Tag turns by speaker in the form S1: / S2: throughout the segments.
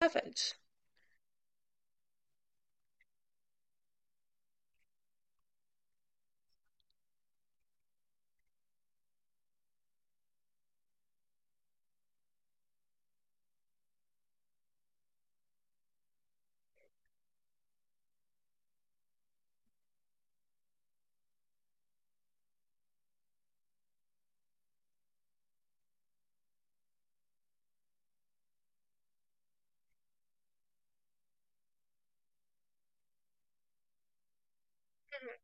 S1: Haven't. Mhm.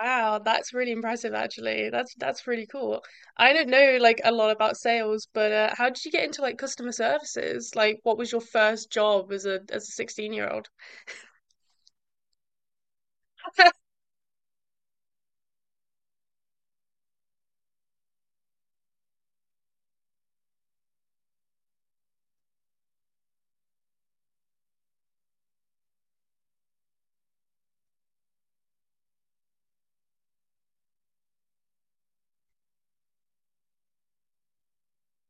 S1: Wow, that's really impressive actually. That's really cool. I don't know like a lot about sales, but how did you get into like customer services? Like what was your first job as a 16-year-old?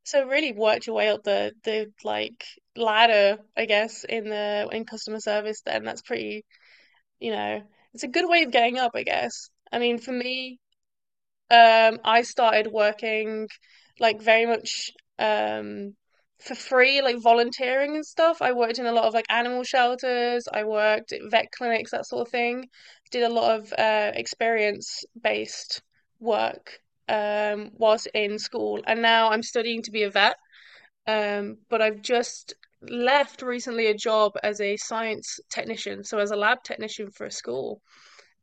S1: So really worked your way up the like ladder, I guess, in the in customer service then. That's pretty, you know, it's a good way of getting up, I guess. I mean, for me, I started working like very much um for free, like volunteering and stuff. I worked in a lot of like animal shelters, I worked at vet clinics, that sort of thing. Did a lot of experience based work whilst in school. And now I'm studying to be a vet. But I've just left recently a job as a science technician, so as a lab technician for a school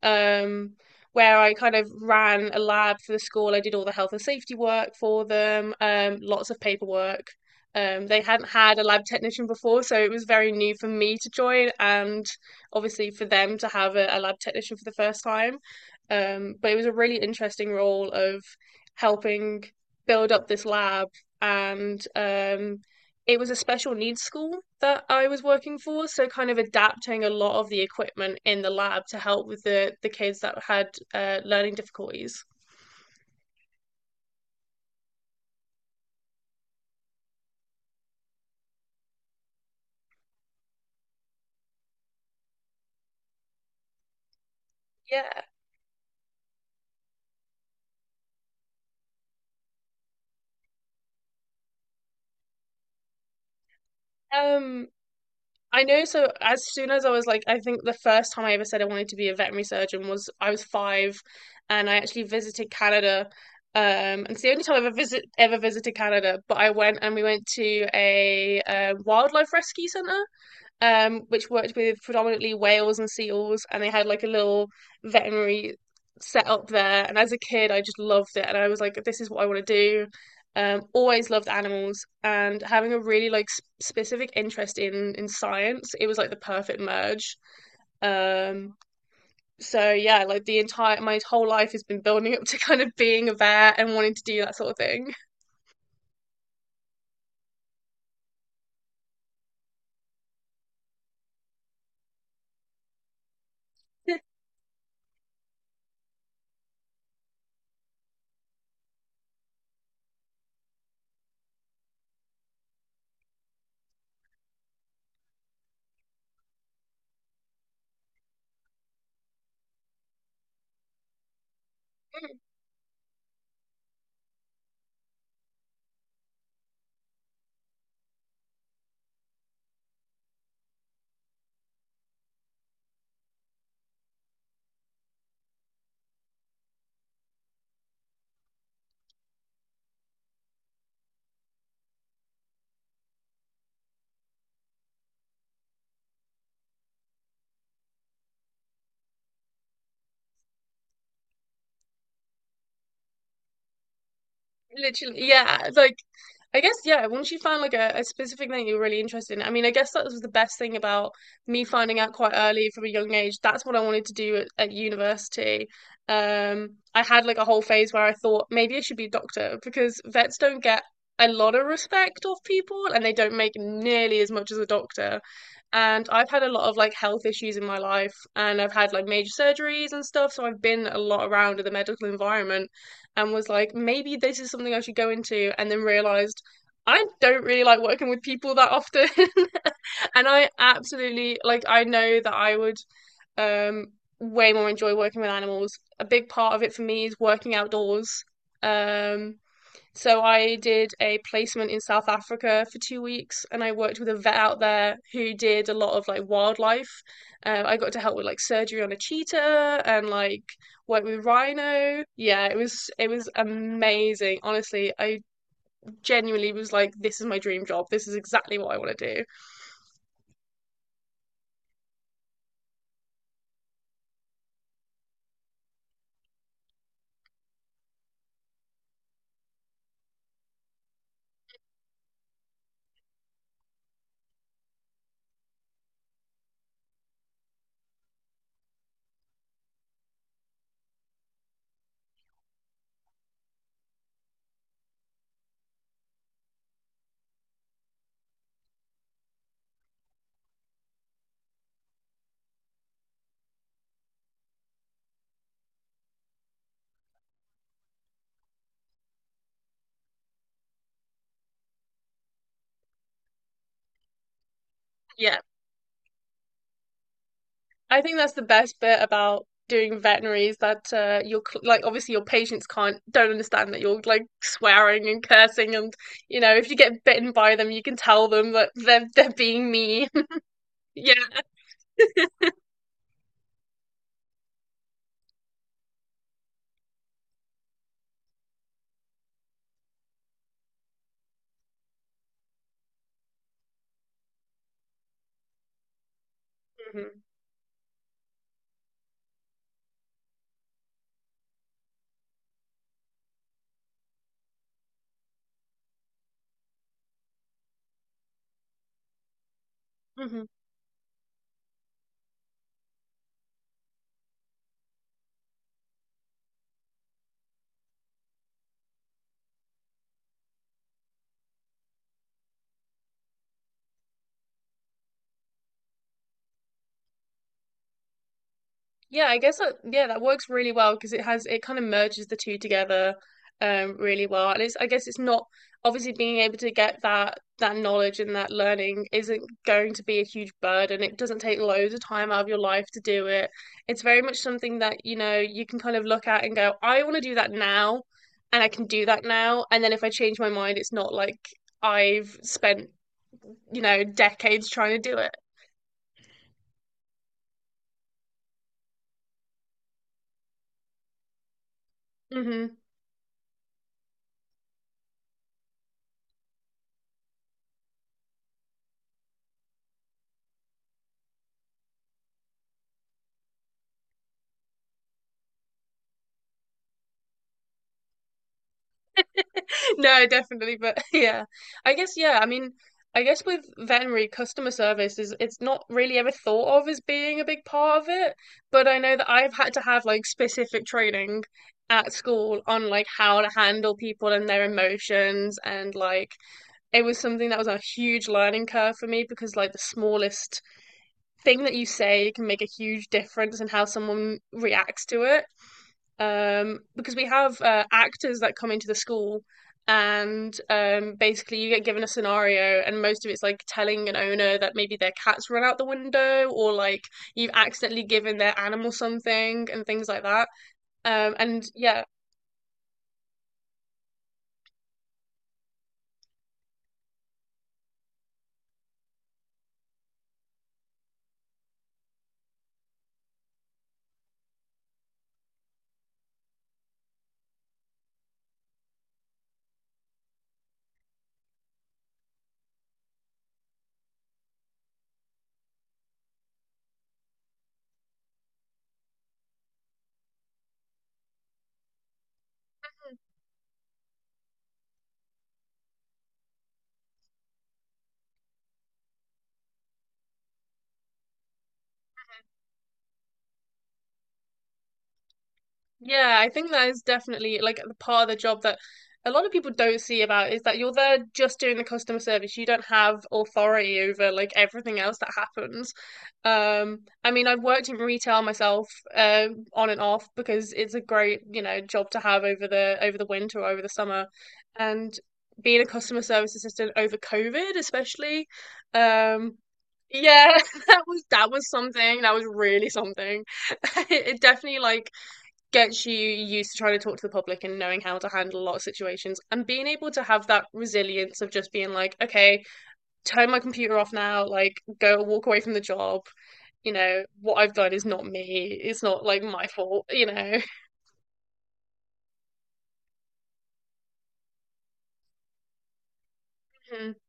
S1: um, where I kind of ran a lab for the school. I did all the health and safety work for them, lots of paperwork. They hadn't had a lab technician before, so it was very new for me to join, and obviously for them to have a lab technician for the first time. But it was a really interesting role of helping build up this lab and it was a special needs school that I was working for, so kind of adapting a lot of the equipment in the lab to help with the kids that had learning difficulties. Yeah. Um, I know. So as soon as I was like, I think the first time I ever said I wanted to be a veterinary surgeon was I was five, and I actually visited Canada. Um, and it's the only time I've ever visited Canada. But I went and we went to a wildlife rescue center, which worked with predominantly whales and seals, and they had like a little veterinary set up there. And as a kid, I just loved it, and I was like, this is what I want to do. Always loved animals, and having a really specific interest in science, it was like the perfect merge. Um, so yeah, like the entire my whole life has been building up to kind of being a vet and wanting to do that sort of thing. Literally, yeah. Like, I guess, yeah, once you find like a specific thing you're really interested in, I mean, I guess that was the best thing about me finding out quite early from a young age. That's what I wanted to do at university. I had like a whole phase where I thought maybe I should be a doctor because vets don't get a lot of respect off people and they don't make nearly as much as a doctor. And I've had a lot of like health issues in my life and I've had like major surgeries and stuff, so I've been a lot around in the medical environment and was like, maybe this is something I should go into, and then realized I don't really like working with people that often. And I absolutely like, I know that I would um, way more enjoy working with animals. A big part of it for me is working outdoors. Um, so I did a placement in South Africa for 2 weeks, and I worked with a vet out there who did a lot of like wildlife. I got to help with like surgery on a cheetah and like work with rhino. Yeah, it was amazing. Honestly, I genuinely was like, this is my dream job. This is exactly what I want to do. Yeah. I think that's the best bit about doing veterinary is that like obviously your patients can't don't understand that you're like swearing and cursing and you know if you get bitten by them you can tell them that they're being mean. Yeah. Hmm. Hmm. Yeah, I guess that, yeah, that works really well because it kind of merges the two together really well. And it's, I guess it's not obviously being able to get that knowledge and that learning isn't going to be a huge burden. It doesn't take loads of time out of your life to do it. It's very much something that, you know, you can kind of look at and go, I want to do that now and I can do that now. And then if I change my mind, it's not like I've spent, you know, decades trying to do it. Hmm. No, definitely, but yeah. I guess, yeah, I mean, I guess with veterinary customer service is it's not really ever thought of as being a big part of it, but I know that I've had to have like specific training at school on like how to handle people and their emotions and like it was something that was a huge learning curve for me because like the smallest thing that you say can make a huge difference in how someone reacts to it, because we have actors that come into the school, and basically you get given a scenario, and most of it's like telling an owner that maybe their cat's run out the window, or like you've accidentally given their animal something, and things like that. Um, and yeah, Yeah, I think that is definitely like the part of the job that a lot of people don't see about is that you're there just doing the customer service. You don't have authority over like everything else that happens. I mean, I've worked in retail myself, on and off because it's a great, you know, job to have over the winter or over the summer. And being a customer service assistant over COVID, especially, um, yeah, that was something. That was really something. It definitely like gets you used to trying to talk to the public and knowing how to handle a lot of situations and being able to have that resilience of just being like, okay, turn my computer off now, like go walk away from the job. You know, what I've done is not me. It's not like my fault, you know.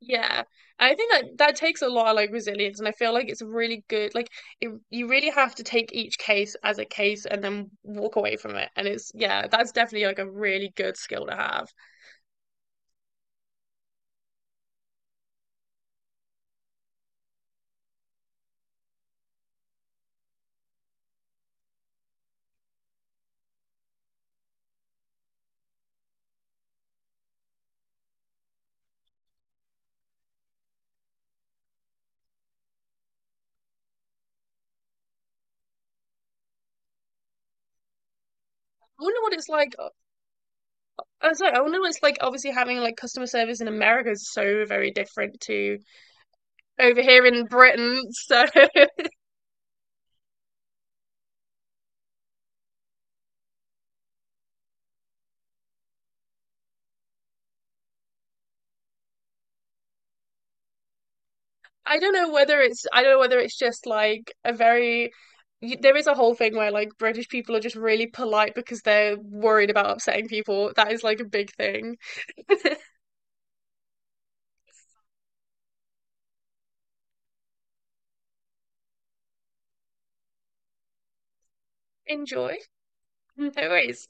S1: Yeah. I think that that takes a lot of like resilience and I feel like it's really good like it, you really have to take each case as a case and then walk away from it and it's, yeah, that's definitely like a really good skill to have. I wonder what it's like. I was like, oh no, it's like obviously having like customer service in America is so very different to over here in Britain. So I don't know whether it's, I don't know whether it's just like a very, there is a whole thing where like British people are just really polite because they're worried about upsetting people. That is like a big thing. Enjoy. No worries.